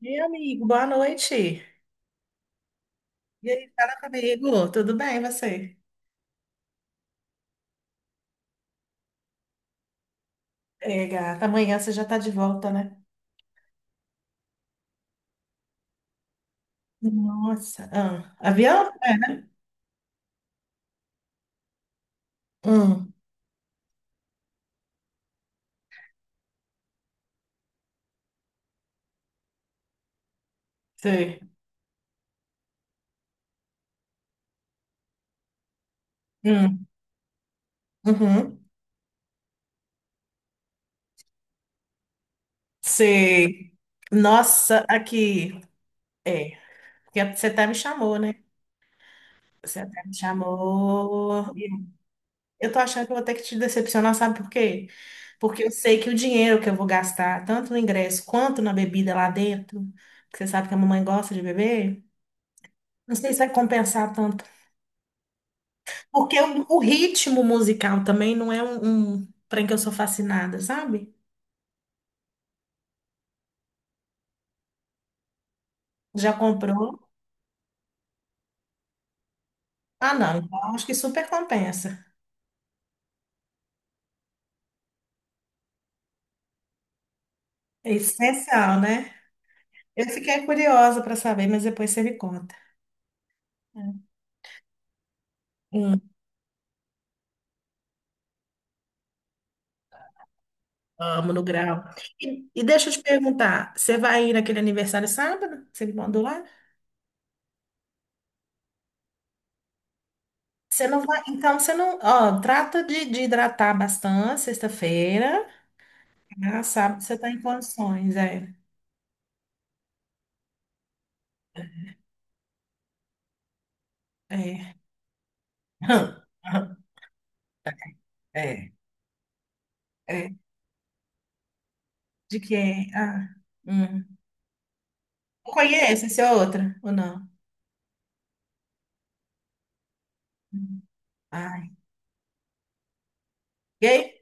Meu amigo, boa noite. E aí, fala comigo, tudo bem, você? É, gata, amanhã você já tá de volta, né? Nossa, ah, avião? Hum, sei. Hum, uhum, sei. Nossa, aqui, é, porque você até me chamou, né? Você até me chamou. E eu tô achando que eu vou ter que te decepcionar, sabe por quê? Porque eu sei que o dinheiro que eu vou gastar, tanto no ingresso quanto na bebida lá dentro, que você sabe que a mamãe gosta de beber, não sei se vai compensar tanto. Porque o ritmo musical também não é um trem que eu sou fascinada, sabe? Já comprou? Ah, não. Então acho que super compensa. É essencial, né? Eu fiquei curiosa para saber, mas depois você me conta. Hum, amo no grau. E deixa eu te perguntar, você vai ir naquele aniversário sábado? Você me mandou lá? Você não vai, então você não, ó, trata de hidratar bastante sexta-feira, tá? Sábado você tá em condições, é. É. É. É. De quem? Ah, hum. Não conheço, essa é outra, ou não? Hum. Ai, gay?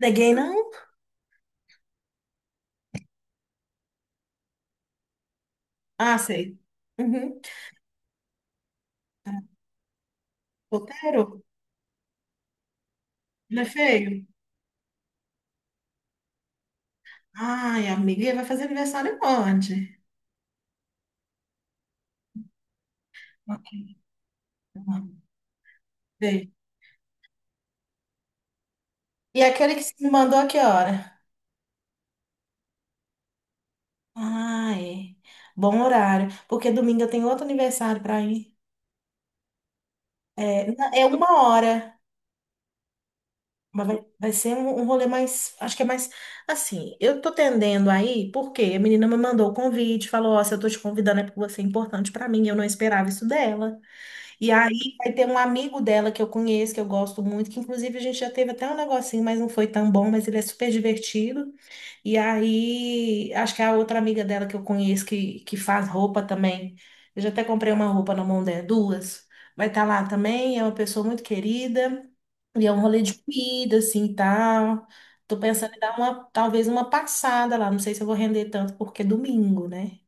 Não é gay, não? Ah, sei. Uhum. Solteiro? Não é feio? Ai, amiga, e vai fazer aniversário onde? Ok. Uhum. Sei. E aquele que se me mandou a que hora? Ai, bom horário, porque domingo eu tenho outro aniversário para ir. É, na- é uma hora. Mas vai ser um rolê mais. Acho que é mais. Assim, eu tô tendendo aí, porque a menina me mandou o convite, falou: Ó, se eu tô te convidando é porque você é importante pra mim, eu não esperava isso dela. E aí vai ter um amigo dela que eu conheço, que eu gosto muito, que inclusive a gente já teve até um negocinho, mas não foi tão bom, mas ele é super divertido. E aí, acho que a outra amiga dela que eu conheço, que faz roupa também. Eu já até comprei uma roupa na mão dela, duas. Vai estar lá também, é uma pessoa muito querida. E é um rolê de comida, assim, e tal. Tô pensando em dar uma, talvez uma passada lá. Não sei se eu vou render tanto, porque é domingo, né?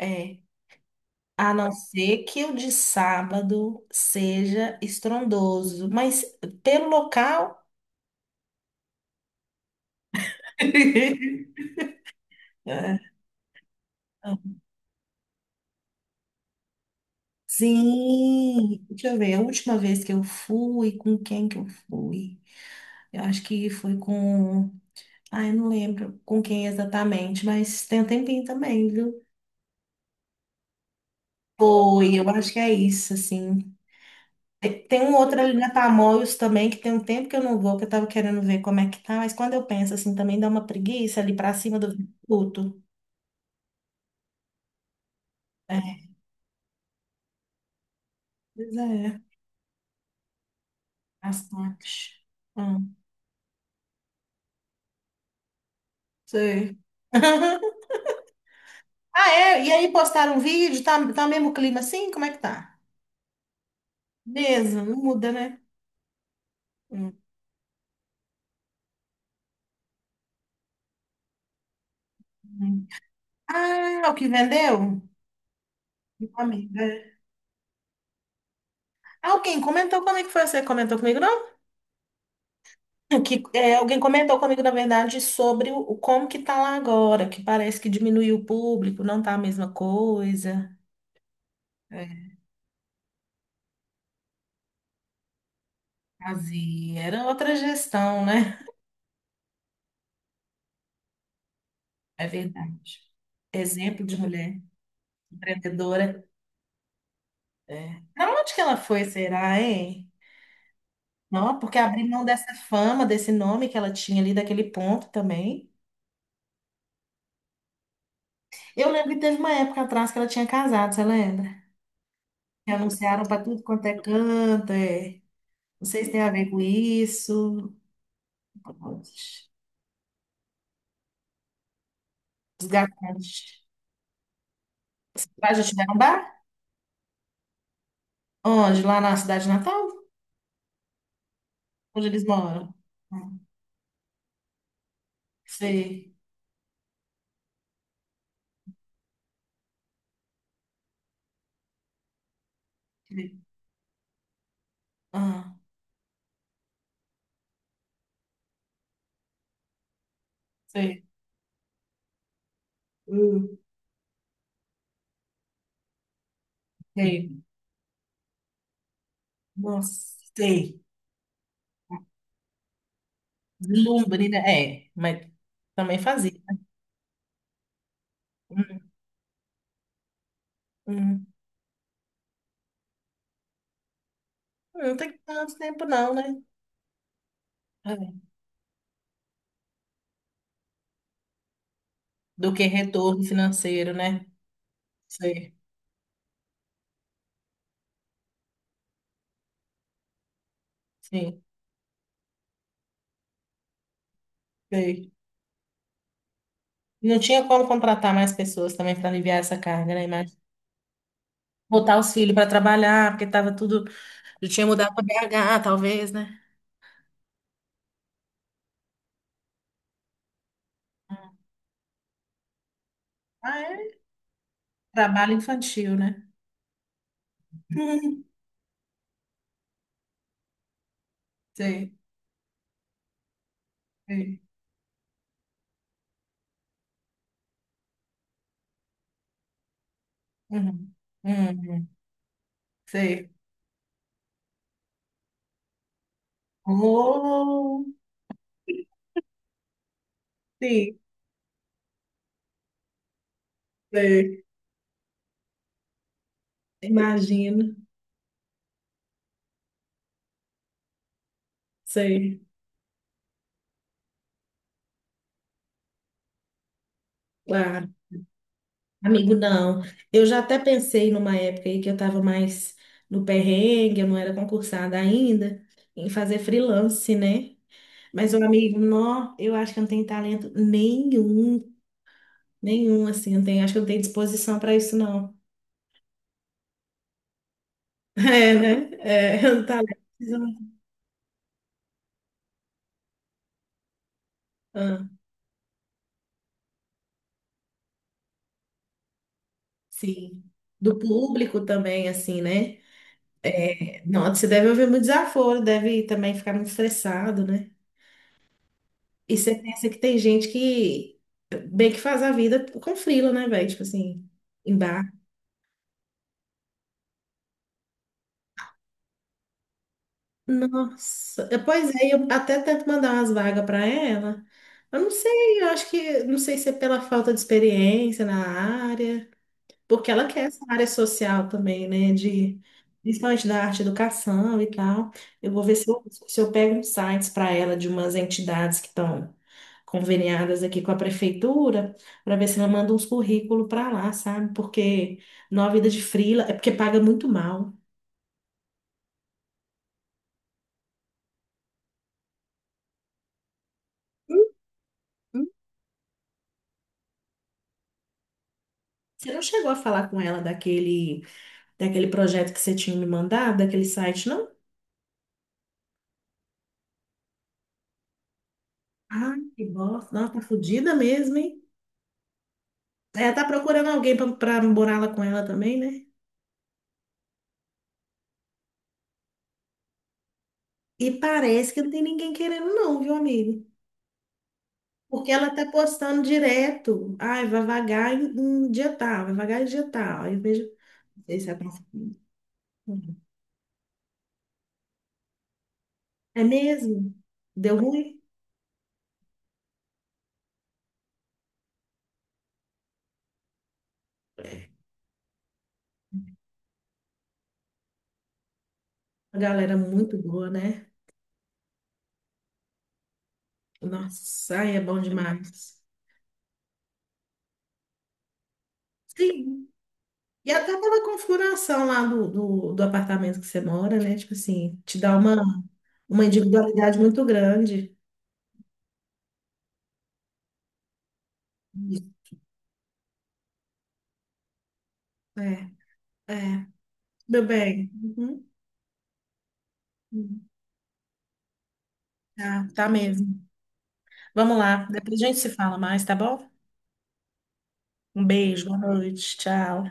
É. A não ser que o de sábado seja estrondoso. Mas pelo local. É. Sim, deixa eu ver. A última vez que eu fui, com quem que eu fui? Eu acho que foi com. Ai, eu não lembro com quem exatamente, mas tem um tempinho também, viu? Foi, eu acho que é isso, assim. Tem um outro ali na Tamoios também, que tem um tempo que eu não vou, que eu tava querendo ver como é que tá, mas quando eu penso assim, também dá uma preguiça ali pra cima do viaduto. É, pois é, bastante. Hum. Sei. Ah, é? E aí postaram um vídeo, tá, tá mesmo clima assim? Como é que tá? Mesmo, não muda, né? Hum, hum. Ah, o que vendeu? Amiga. Alguém comentou como é que foi? Você comentou comigo? Não? Que, é, alguém comentou comigo, na verdade, sobre o como que tá lá agora, que parece que diminuiu o público, não tá a mesma coisa. É, fazia. Era outra gestão, né? É verdade. Exemplo de mulher empreendedora. É. Pra onde que ela foi, será, hein? Não, porque abrir mão dessa fama, desse nome que ela tinha ali, daquele ponto também. Eu lembro que teve uma época atrás que ela tinha casado, você lembra? Que anunciaram pra tudo quanto é canto, é. Não sei se tem a ver com isso. Onde? Os garotos. Lá de Tirambá? Onde? Lá na cidade natal? Onde eles moram? Ah, sei. Ah, sei. Hum, sei. Nossa, sei. Lombrina, é. Mas também fazia. Hum, hum. Não tem tanto tempo não, né? É. Do que retorno financeiro, né? Sei, sim, sei. Não tinha como contratar mais pessoas também para aliviar essa carga, né? Imagina. Botar os filhos para trabalhar, porque estava tudo. Ele tinha mudado para BH, talvez, né? Ah, é? Trabalho infantil, né? Uhum. Sei, sei. Uhum. Uhum. Sei. Oh, sim, sei. Imagino. Sei, claro. Amigo, não. Eu já até pensei numa época aí que eu estava mais no perrengue, eu não era concursada ainda, em fazer freelance, né? Mas, meu amigo, não, eu acho que eu não tenho talento nenhum, nenhum, assim, eu não tenho, acho que eu não tenho disposição para isso, não. É, né? É, um talento. Ah, sim. Do público também, assim, né? É, não, você deve ouvir muito desaforo, deve também ficar muito estressado, né? E você pensa que tem gente que bem que faz a vida com frila, né, velho? Tipo assim, em bar. Nossa, é, pois é, eu até tento mandar umas vagas para ela. Eu não sei, eu acho que, não sei se é pela falta de experiência na área. Porque ela quer essa área social também, né? De, principalmente da arte e educação e tal. Eu vou ver se eu pego uns sites para ela de umas entidades que estão conveniadas aqui com a prefeitura, para ver se ela manda uns currículos para lá, sabe? Porque numa vida de frila é porque paga muito mal. Uhum. Você não chegou a falar com ela daquele, daquele projeto que você tinha me mandado, daquele site, não? Ai, que bosta. Nossa, tá fodida mesmo, hein? Ela tá procurando alguém para morar lá com ela também, né? E parece que não tem ninguém querendo, não, viu, amigo? Porque ela tá postando direto. Ai, vai vagar em em dia tal, vai vagar em dia tal. Aí eu vejo. Não sei se é pra- É mesmo? Deu ruim? A galera é muito boa, né? Nossa, ai, é bom demais. Sim. E até pela configuração lá do apartamento que você mora, né? Tipo assim, te dá uma individualidade muito grande. Isso. É, é. Meu bem. Uhum. Tá, tá mesmo. Vamos lá, depois a gente se fala mais, tá bom? Um beijo, boa noite, tchau.